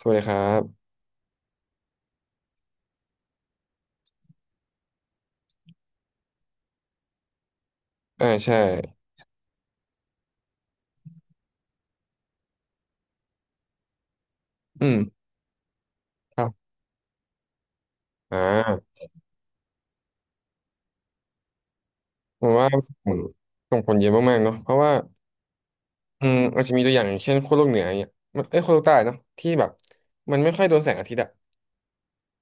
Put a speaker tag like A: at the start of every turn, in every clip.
A: สวัสดีครับอ่าใช่ อืม ครับอ่าผมว่าส่งผลเยอะมากๆเนาะเพราะว่าอืมอาจจะมีตัวอย่างอย่างเช่นขั้วโลกเหนืออย่างเนี่ยมันเอ้ยขั้วโลกใต้เนาะที่แบบ มันไม่ค่อยโดนแสงอาทิตย์อะ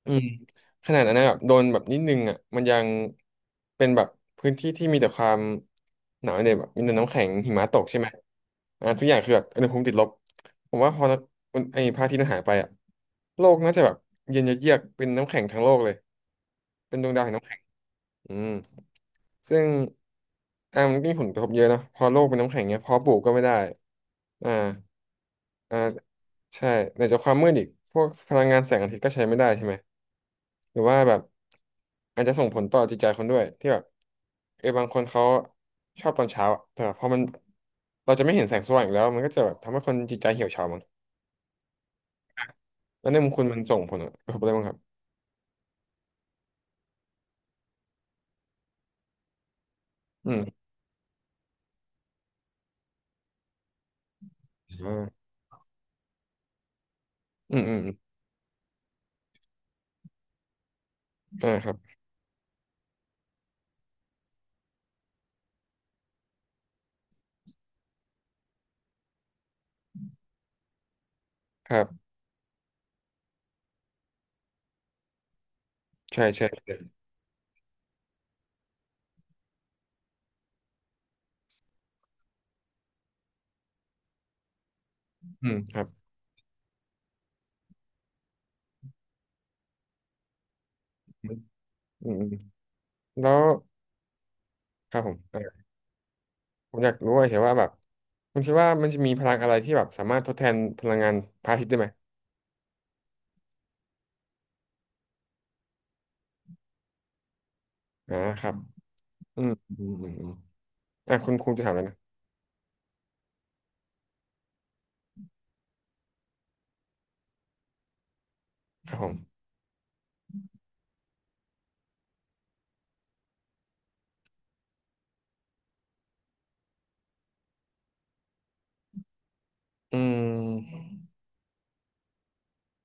A: อืมขนาดนั้นนะแบบโดนแบบนิดนึงอ่ะมันยังเป็นแบบพื้นที่ที่มีแต่ความหนาวเนี่ยแบบมีแต่น้ำแข็งหิมะตกใช่ไหมทุกอย่างคือแบบอุณหภูมิติดลบผมว่าพอนะมันไอ้พระอาทิตย์มันหายไปอ่ะโลกน่าจะแบบเย็นเยือกๆเป็นน้ำแข็งทั้งโลกเลยเป็นดวงดาวแห่งน้ำแข็งอืมซึ่งมันก็มีผลกระทบเยอะนะพอโลกเป็นน้ำแข็งเนี้ยเพอปลูกก็ไม่ได้อ่าอ่าใช่ไหนจะความมืดอีกพวกพลังงานแสงอาทิตย์ก็ใช้ไม่ได้ใช่ไหม หรือว่าแบบอาจจะส่งผลต่อจิตใจคนด้วยที่แบบเออบางคนเขาชอบตอนเช้าอะแต่พอมันเราจะไม่เห็นแสงสว่างอีกแล้วมันก็จะแบบทำให้คนจิตใจเหี่ยวเฉามั้งแล้วในมุมคุณมันส่งผลกระทบอะไรบ้างครับอืมอ่าอืมอืมครับครับใช่ใช่อืมครับอืมอืมแล้วครับผมเอ่าผมอยากรู้เฉยๆว่าแบบคุณคิดว่ามันจะมีพลังอะไรที่แบบสามารถทดแทนพลังงานพระอาทิตย์ได้ไหมครับอืมอืมอืมอมอ่ะคุณครูจะถามแล้วนะครับผมอืม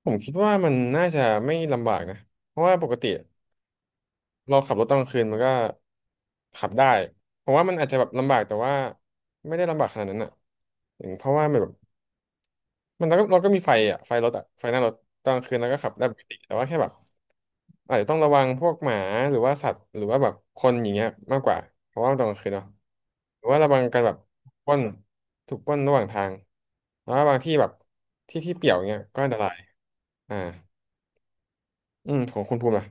A: ผมคิดว่ามันน่าจะไม่ลำบากนะเพราะว่าปกติเราขับรถตอนกลางคืนมันก็ขับได้เพราะว่ามันอาจจะแบบลำบากแต่ว่าไม่ได้ลำบากขนาดนั้นอ่ะอย่างเพราะว่ามันแบบมันเราก็มีไฟอ่ะไฟรถอ่ะไฟหน้ารถตอนกลางคืนเราก็ขับได้ปกติแต่ว่าแค่แบบอาจจะต้องระวังพวกหมาหรือว่าสัตว์หรือว่าแบบคนอย่างเงี้ยมากกว่าเพราะว่าัตอนกลางคืนเนาะหรือว่าระวังการแบบปล้นถูกปล้นระหว่างทางแล้วว่าบางที่แบบที่ที่เปี่ยวเงี้ยก็อันตรายอ่าอืมของคุณภูมิล่ะ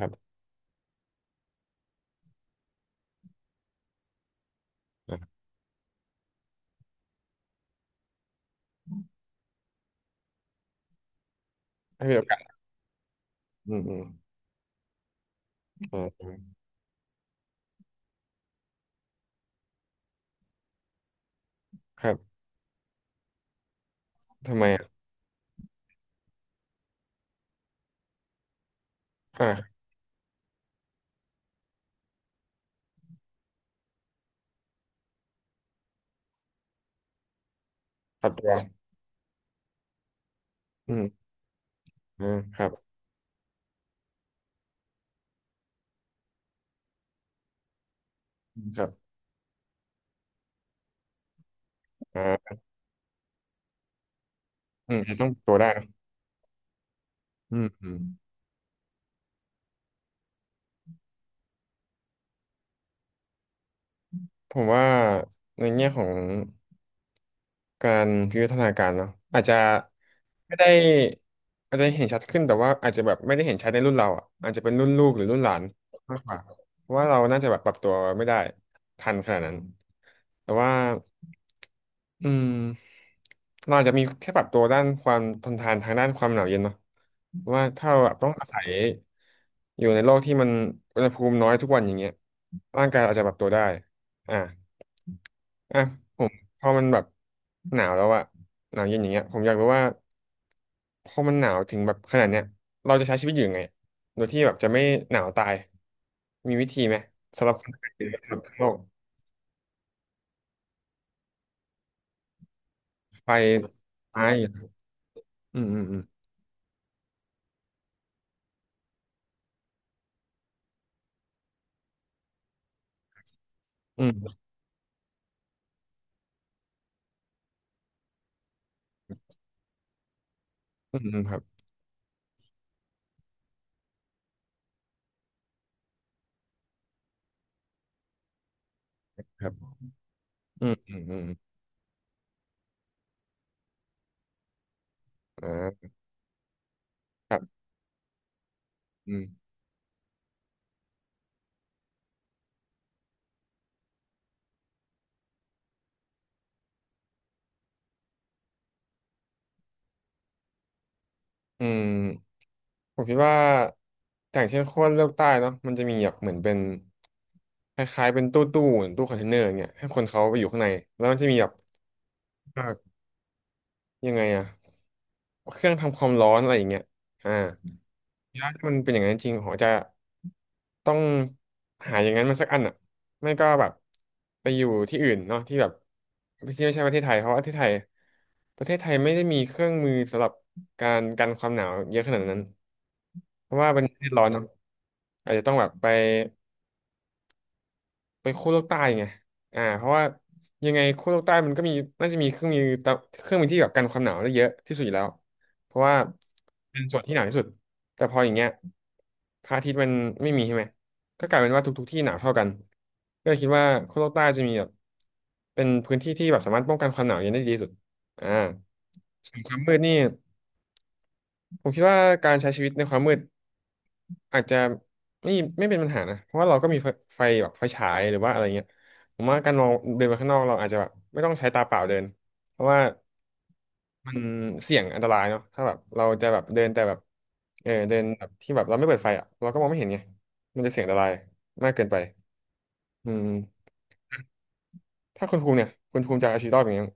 A: ครับอ่ะให้มีโอกาสอืมอืมออครับ ทำไมอ่ะอ่าปรับตัวอืมอืมครับอืมครับอ่าอืมจะต้องปรับตัวได้นะอืมอืมผมว่าในแง่ของ การวิวัฒนาการเนาะอาจจะไม่ได้อาจจะเห็นชัดขึ้นแต่ว่าอาจจะแบบไม่ได้เห็นชัดในรุ่นเราอ่ะอาจจะเป็นรุ่นลูกหรือรุ่นหลานมากกว่าเพราะว่าเราน่าจะแบบปรับตัวไม่ได้ทันขนาดนั้นแต่ว่าอืมเราอาจจะมีแค่ปรับตัวด้านความทนทานทางด้านความหนาวเย็นเนาะเพราะว่าถ้าเราแบบต้องอาศัยอยู่ในโลกที่มันอุณหภูมิน้อยทุกวันอย่างเงี้ยร่างกายอาจจะปรับตัวได้อ่า อ่ะผมพอมันแบบหนาวแล้วอะหนาวเย็นอย่างเงี้ยผมอยากรู้ว่าพอมันหนาวถึงแบบขนาดเนี้ยเราจะใช้ชีวิตอยู่ยังไงโดยที่แบบจะไม่หนาวตายมีวิธีไหมสำหรับคนไทยหรือสำหรับทั้งโลกไฟไฟอืมอืมอืมอืมอืมอืมครับครับอืมอืมอืมอ่าครับอืมอืมผมคิดว่าอย่างเช่นขั้วโลกใต้เนาะมันจะมีแบบเหมือนเป็นคล้ายๆเป็นตู้ตู้คอนเทนเนอร์อย่างเงี้ยให้คนเขาไปอยู่ข้างในแล้วมันจะมีแบบ จากยังไงอะเครื่องทำความร้อนอะไรอย่างเงี้ยอ่าถ้ามันเป็นอย่างนั้นจริงผมจะต้องหาอย่างนั้นมาสักอันอะไม่ก็แบบไปอยู่ที่อื่นเนาะที่แบบที่ไม่ใช่ประเทศไทยเพราะว่าประเทศไทยประเทศไทยไม่ได้มีเครื่องมือสำหรับการกันความหนาวเยอะขนาดนั้นเพราะว่าเป็นประเทศร้อนเนาะอาจจะต้องแบบไป ไปขั้วโลกใต้ไงเพราะว่ายังไงขั้วโลกใต้มันก็มีน่าจะมีเครื่องมือที่แบบกันความหนาวได้เยอะที่สุดอยู่แล้วเพราะว่าเป็นส่วนที่หนาวที่สุดแต่พออย่างเงี้ยพระอาทิตย์มันไม่มีใช่ไหมก็กลายเป็นว่าทุกๆที่หนาวเท่ากันก็เลยคิดว่าขั้วโลกใต้จะมีแบบเป็นพื้นที่ที่แบบสามารถป้องกันความหนาวเย็นได้ดีที่สุดอ่าส่วนความมืดนี่ ผมคิดว่าการใช้ชีวิตในความมืดอาจจะไม่ไม่เป็นปัญหานะเพราะว่าเราก็มีไฟไฟแบบไฟฉายหรือว่าอะไรเงี้ยผมว่าการมองเดินไปข้างนอกเราอาจจะแบบไม่ต้องใช้ตาเปล่าเดินเพราะว่ามันเสี่ยงอันตรายเนาะถ้าแบบเราจะแบบเดินแต่แบบเออเดินแบบที่แบบเราไม่เปิดไฟอ่ะเราก็มองไม่เห็นไงมันจะเสี่ยงอันตรายมากเกินไปอืมถ้าคุณภูมิเนี่ยคุณภูมิจะเอาชีวิตรอดอย่างเงี้ย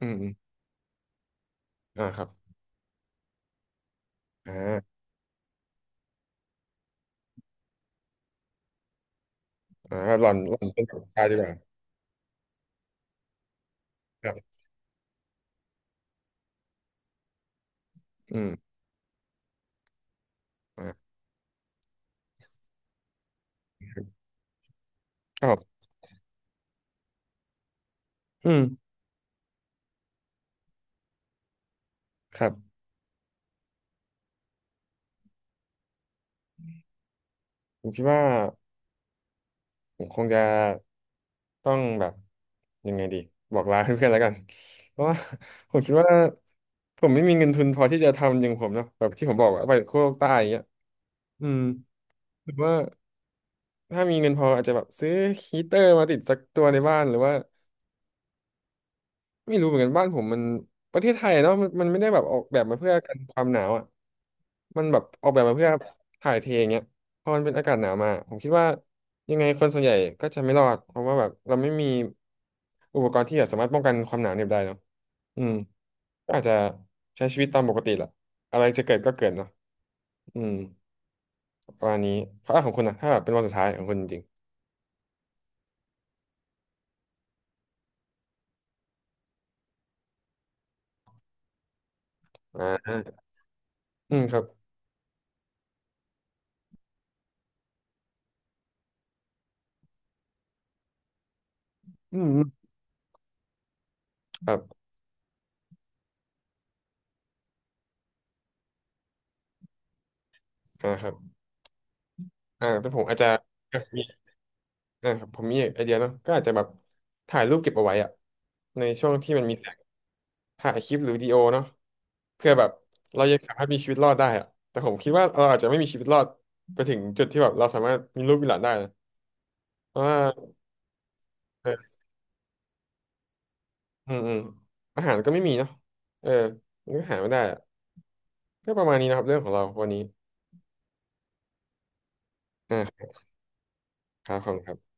A: อืมอมอ่าครับอ่าอ่าหล่อนหล่อนเป็นแบบตายดีกว่าครับอืมอ่าครับผมอืมครับ ผมคิดว่าผมคงจะต้องแบบยังไงดีบอกลาเพื่อนๆแล้วกันเพราะว่า ผมคิดว่าผมไม่มีเงินทุนพอที่จะทำอย่างผมเนอะแบบที่ผมบอกว่าไปโคกใต้อย่างเงี้ยอืมหรือว่าถ้ามีเงินพออาจจะแบบซื้อฮีเตอร์มาติดสักตัวในบ้านหรือว่า ไม่รู้เหมือนกันบ้านผมประเทศไทยเนาะมันไม่ได้แบบออกแบบมาเพื่อกันความหนาวอ่ะมันแบบออกแบบมาเพื่อถ่ายเทอย่างเงี้ยพอมันเป็นอากาศหนาวมาผมคิดว่ายังไงคนส่วนใหญ่ก็จะไม่รอดเพราะว่าแบบเราไม่มีอุปกรณ์ที่แบบสามารถป้องกันความหนาวเหน็บได้เนาะอืมก็อาจจะใช้ชีวิตตามปกติแหละอะไรจะเกิดก็เกิดเนาะอืมประมาณนี้เพราะอ่ะของคุณนะถ้าแบบเป็นวันสุดท้ายของคุณจริงๆอ่าอืมครับอืมครับอ่าครับอ่าเป็นผมอาจจะ อ่าครับผมมีไอเดียเนาะก็อาจจะแบบถ่ายรูปเก็บเอาไว้อะในช่วงที่มันมีแสงถ่ายคลิปหรือวิดีโอเนาะเพื่อแบบเรายังสามารถมีชีวิตรอดได้อะแต่ผมคิดว่าเราอาจจะไม่มีชีวิตรอดไปถึงจุดที่แบบเราสามารถมีลูกมีหลานได้นะเพราะว่าเอออืมอืมอาหารก็ไม่มีเนาะเออมันก็หาไม่ได้อะก็ประมาณนี้นะครับเรื่องของเราวันนี้อ่าครับขอบคุณครับ